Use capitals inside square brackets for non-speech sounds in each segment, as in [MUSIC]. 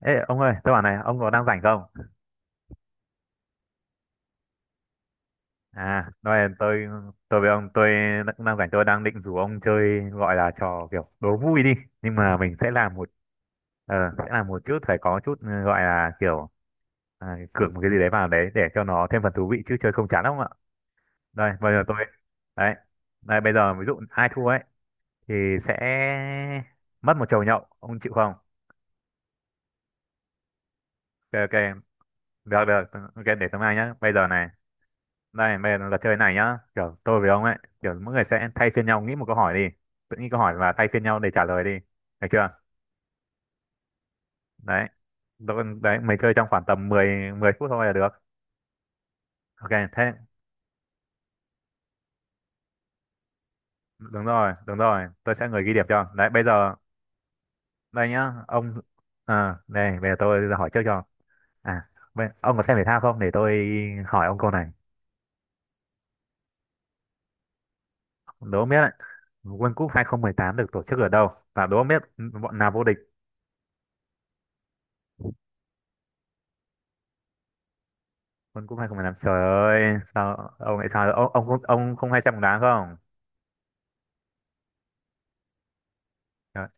Ê, ông ơi, tôi bảo này, ông có đang rảnh không? À, nói tôi tôi với ông cũng đang rảnh, tôi đang định rủ ông chơi gọi là trò kiểu đố vui đi, nhưng mà mình sẽ làm một sẽ làm một chút phải có chút gọi là kiểu cược một cái gì đấy vào đấy để cho nó thêm phần thú vị chứ chơi không chán không ạ? Đây, bây giờ tôi đấy. Đây bây giờ ví dụ ai thua ấy thì sẽ mất một chầu nhậu, ông chịu không? Ok ok, được được, ok để tôi mai nhá. Bây giờ này đây, bây giờ là chơi này nhá. Kiểu tôi với ông ấy, kiểu mỗi người sẽ thay phiên nhau nghĩ một câu hỏi đi. Tự nghĩ câu hỏi và thay phiên nhau để trả lời đi. Được chưa? Đấy. Tôi, đấy, mình chơi trong khoảng tầm 10 10 phút thôi là được. Ok, thế đúng rồi, đúng rồi. Tôi sẽ người ghi điểm cho. Đấy, bây giờ đây nhá, ông đây, bây giờ tôi hỏi trước cho. Bây, ông có xem thể thao không để tôi hỏi ông câu này. Đố ông biết đấy, World Cup 2018 được tổ chức ở đâu? Và đố ông biết bọn nào vô địch? World Cup 2015, trời ơi sao ông lại sao ông không hay xem bóng đá không? Trời,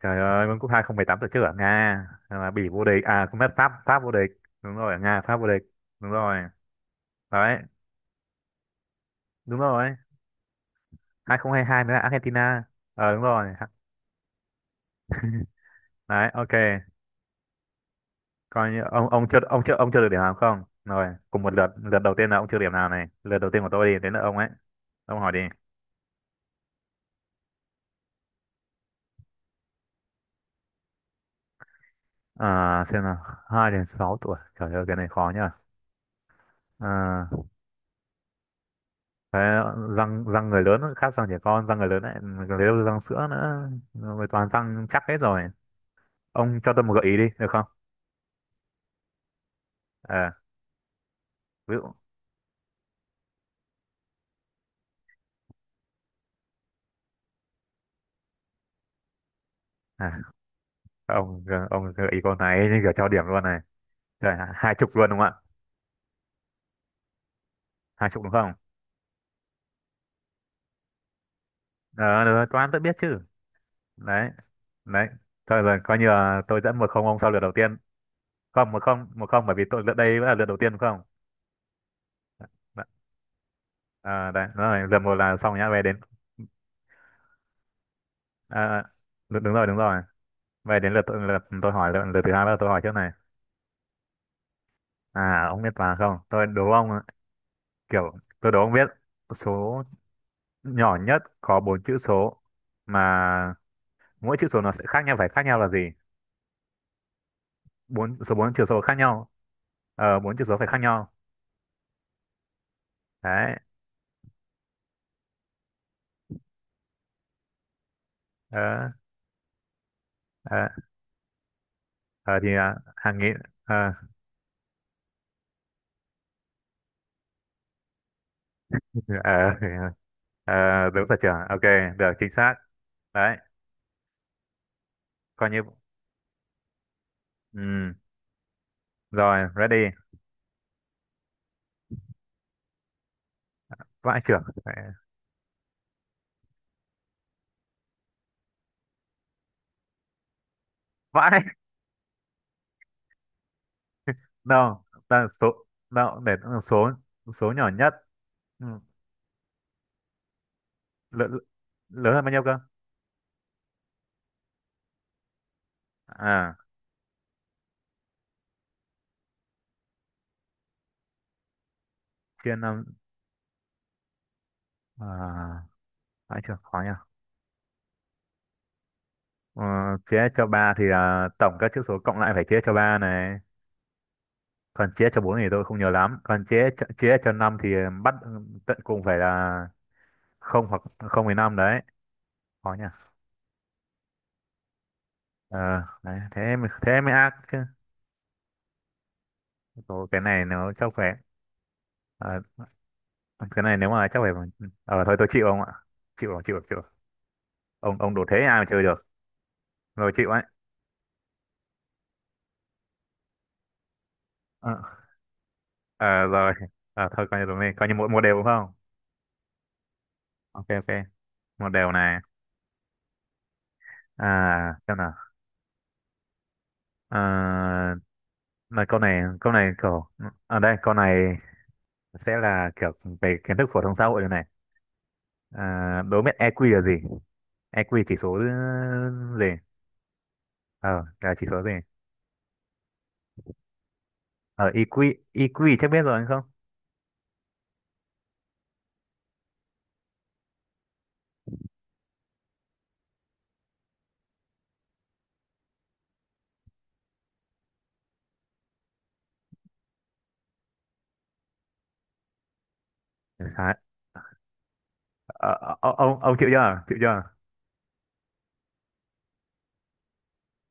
trời ơi, World Cup 2018 tổ chức ở Nga mà Bỉ vô địch à, không biết, Pháp Pháp vô địch, đúng rồi ở Nga Pháp vô địch, đúng rồi, đấy đúng rồi, 2022 mới là Argentina. Ờ đúng rồi, đấy ok, coi như ông chưa được điểm nào, không rồi cùng một lượt, lượt đầu tiên là ông chưa điểm nào này, lượt đầu tiên của tôi đi đến lượt ông ấy, ông hỏi đi. À xem nào, hai đến sáu tuổi, trời ơi cái này khó nhá. À, Đấy, răng răng người lớn khác răng trẻ con, răng người lớn lại lấy răng sữa nữa rồi toàn răng chắc hết rồi, ông cho tôi một gợi ý đi được không? à, ví dụ à, ông gợi ý con này như kiểu cho điểm luôn này. Trời, 20 luôn đúng không ạ? 20 đúng không? Ờ được rồi, toán tôi biết chứ. Đấy. Đấy thôi rồi coi như là tôi dẫn một không ông sau lượt đầu tiên, không một không một không bởi vì tôi lượt đây vẫn là lượt đầu tiên đúng không? Đã- đấy đúng rồi lượt một là xong nhá về đến à, à, đúng đúng rồi Vậy đến lượt tôi- lượt tôi hỏi, lượt, lượt thứ hai là tôi hỏi trước này. À, ông biết mà không? Tôi đố ông, ạ. Kiểu, tôi đố ông biết số nhỏ nhất có bốn chữ số mà mỗi chữ số nó sẽ khác nhau, phải khác nhau là gì? Bốn, số bốn chữ số khác nhau. Ờ, bốn chữ số phải khác nhau. Đấy. Ờ, ờ, ờ, thì hàng nghìn, ờ, [LAUGHS] ờ, ờ, đúng rồi trưởng. Ok, được, chính xác. Đấy, coi như, ừ, rồi, ready. Vãi trưởng. Vãi. No, là số no, để số số nhỏ nhất, ừ. Lớn, lớn hơn bao nhiêu cơ? À, chia năm à, phải chưa khó nhỉ. Ờ, chia cho ba thì tổng các chữ số cộng lại phải chia cho ba này. Còn chia cho bốn thì tôi không nhớ lắm. Còn chia cho năm thì bắt tận cùng phải là không hoặc không với năm đấy. Khó nhỉ. Ờ, đấy, thế mới ác chứ. Ồ, cái này nó chắc phải ờ, cái này nếu mà chắc phải, thôi tôi chịu không ạ? Chịu rồi, chịu rồi, chịu rồi. Ông đủ thế ai mà chơi được rồi chịu ấy. Ờ ờ, rồi. Ờ, thôi coi như đúng đi coi như mỗi một đều đúng không? Ok ok, một đều này. À xem nào, à, là câu này kiểu ở đây câu này sẽ là kiểu về kiến thức phổ thông xã hội rồi này. Đố biết EQ là gì? EQ chỉ số gì? Ờ là chỉ số gì? Ờ EQ, EQ chắc biết rồi anh không? Sai. Ờ, ông chịu chưa chịu chưa?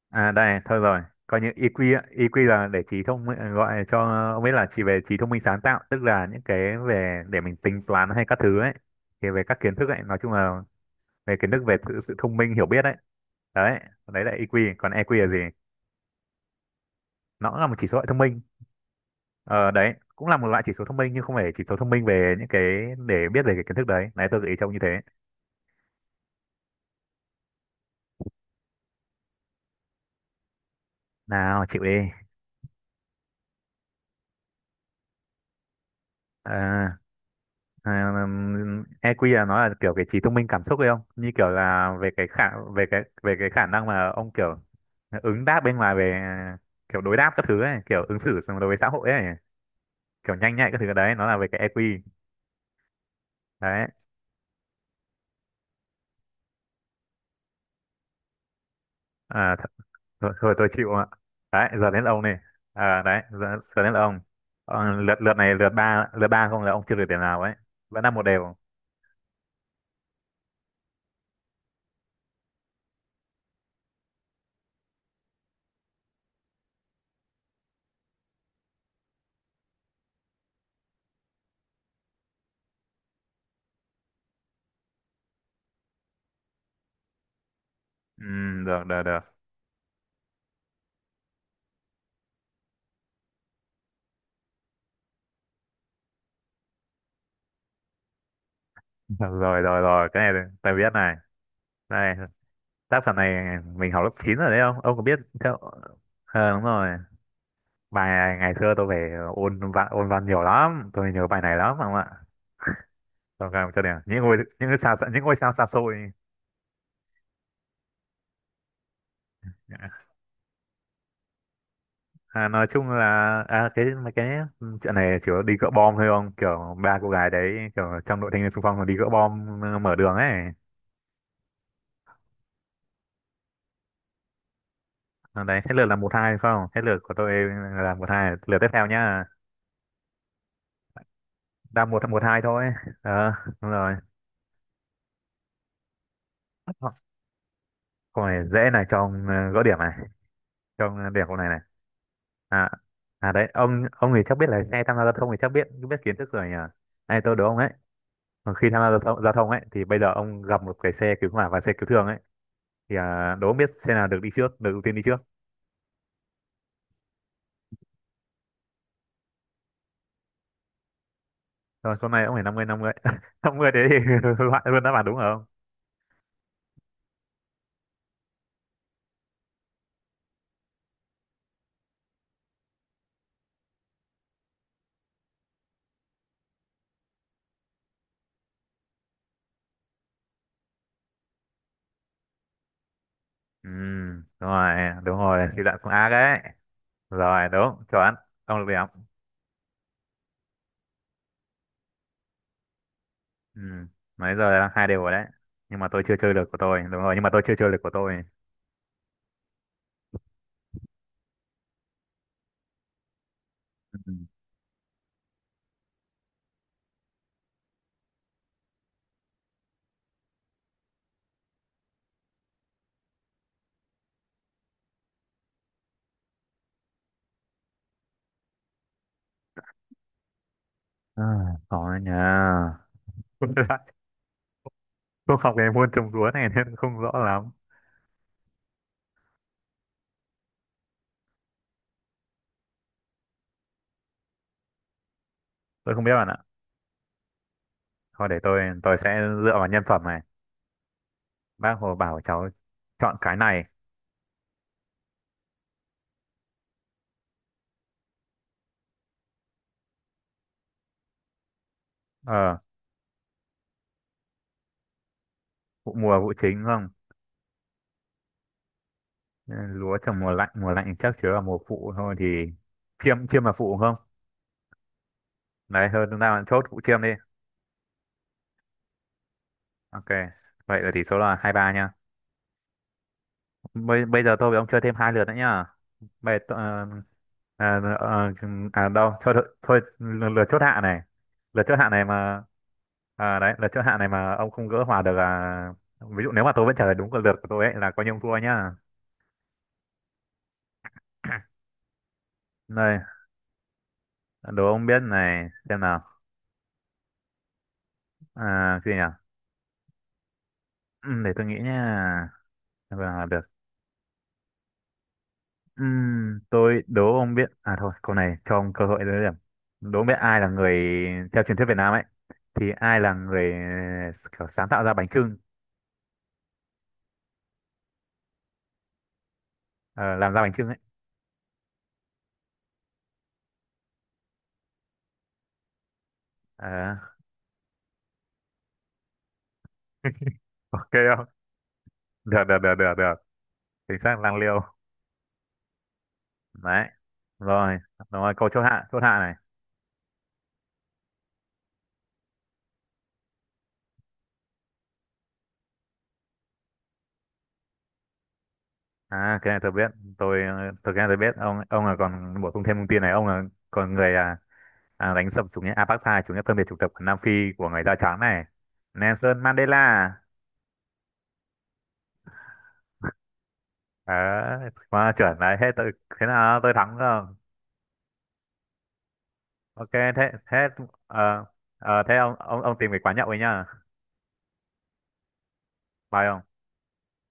À đây, thôi rồi. Coi như EQ á, EQ là để trí thông minh- gọi cho ông biết là chỉ về trí thông minh sáng tạo, tức là những cái về để mình tính toán hay các thứ ấy. Thì về các kiến thức ấy, nói chung là về kiến thức về sự thông minh hiểu biết ấy. Đấy, đấy là EQ, còn EQ là gì? Nó cũng là một chỉ số hệ thông minh. Ờ đấy, cũng là một loại chỉ số thông minh nhưng không phải chỉ số thông minh về những cái để biết về cái kiến thức đấy. Đấy tôi gợi ý cho ông như thế. Nào, chịu đi. Ờ. À, EQ là nó là kiểu cái trí thông minh cảm xúc ấy không? Như kiểu là về cái khả, về cái khả năng mà ông kiểu ứng đáp bên ngoài về kiểu đối đáp các thứ ấy, kiểu ứng xử xong đối với xã hội ấy, kiểu nhanh nhạy các thứ đấy, nó là về cái EQ. Đấy. À, th thôi, thôi tôi chịu ạ. Đấy, giờ đến ông này. À, đấy, giờ, giờ đến ông. Ờ, lượt lượt này lượt ba, lượt ba không là ông chưa được điểm nào ấy. Vẫn là một đều. Ừ, được được được. Được rồi rồi rồi, cái này tôi biết này. Đây, tác phẩm này mình học lớp 9 rồi đấy không ông có biết theo. Ờ đúng rồi, bài này ngày xưa tôi phải ôn văn nhiều lắm tôi nhớ bài này lắm không ạ. Tôi cảm cho đẹp những ngôi sao xa xôi. Nói chung là cái mấy cái chuyện này chỉ có đi gỡ bom thôi không, kiểu ba cô gái đấy kiểu trong đội thanh niên xung phong còn đi gỡ bom, mở đường ấy. À, đấy hết lượt là một hai phải không hết lượt của tôi là một hai lượt tiếp theo nhá, đang một một hai thôi. Ờ đúng rồi câu này dễ này cho ông gỡ điểm. Không à, đẹp hôm này này. à đấy ông thì chắc biết lái xe tham gia giao thông thì chắc biết biết kiến thức rồi nhỉ, này tôi đố ông ấy, còn khi tham gia giao thông ấy thì bây giờ ông gặp một cái xe cứu hỏa và xe cứu thương ấy, thì đố ông biết xe nào được đi trước được ưu tiên đi trước. Rồi con này ông phải năm năm mươi [LAUGHS] năm mươi thế thì [LAUGHS] loại luôn đáp án đúng không? Ừ đúng rồi, đúng rồi suy luận cũng ác đấy, rồi đúng chuẩn, ông được điểm. Ừ nãy giờ là hai đều rồi đấy, nhưng mà tôi chưa chơi được của tôi đúng rồi nhưng mà tôi chưa chơi được của tôi. Ừ. à, có đấy nhá. Không biết lại. Không học về môn trồng lúa này nên không rõ lắm. Tôi không biết bạn ạ. Thôi để tôi sẽ dựa vào nhân phẩm này. Bác Hồ bảo cháu chọn cái này. Ờ, vụ mùa vụ chính không? Ừ, lúa trồng mùa lạnh chắc chứa vào mùa phụ thôi thì chiêm chiêm là phụ không? Đấy thôi chúng ta chốt vụ chiêm đi. Ok. Vậy là tỷ số là 2-3 nha. Bây giờ tôi với ông chơi thêm hai lượt nữa nhá. Bây, ờ, à, à, à đâu thôi thôi, thôi lượt lượt chốt hạ này, lượt chốt hạ này mà đấy lượt chốt hạ này mà ông không gỡ hòa được là ví dụ nếu mà tôi vẫn trả lời đúng cái lượt của tôi ấy là coi như ông thua nhá. Đây đố ông biết này xem nào cái gì nhỉ. Để tôi nghĩ nhá và được. Tôi đố ông biết thôi câu này cho ông cơ hội lấy điểm, đố ông biết ai là người theo truyền thuyết Việt Nam ấy thì ai là người kiểu sáng tạo ra bánh chưng, ờ, làm ra bánh chưng ấy. Ờ, ok được được được được được, chính xác lang liêu. Đấy rồi, đúng rồi câu chốt hạ này. Cái này tôi biết. Tôi thực ra tôi biết ông là còn bổ sung thêm thông tin này ông là còn người, đánh sập chủ nghĩa apartheid chủ nghĩa phân biệt chủng tộc ở Nam Phi của người da trắng này. Nelson Mandela. Ờ mà chuẩn đấy thế tôi thế nào tôi thắng rồi. Ok thế thế, ờ ờ, thế ông ông tìm cái quán nhậu ấy nhá. Bye ông.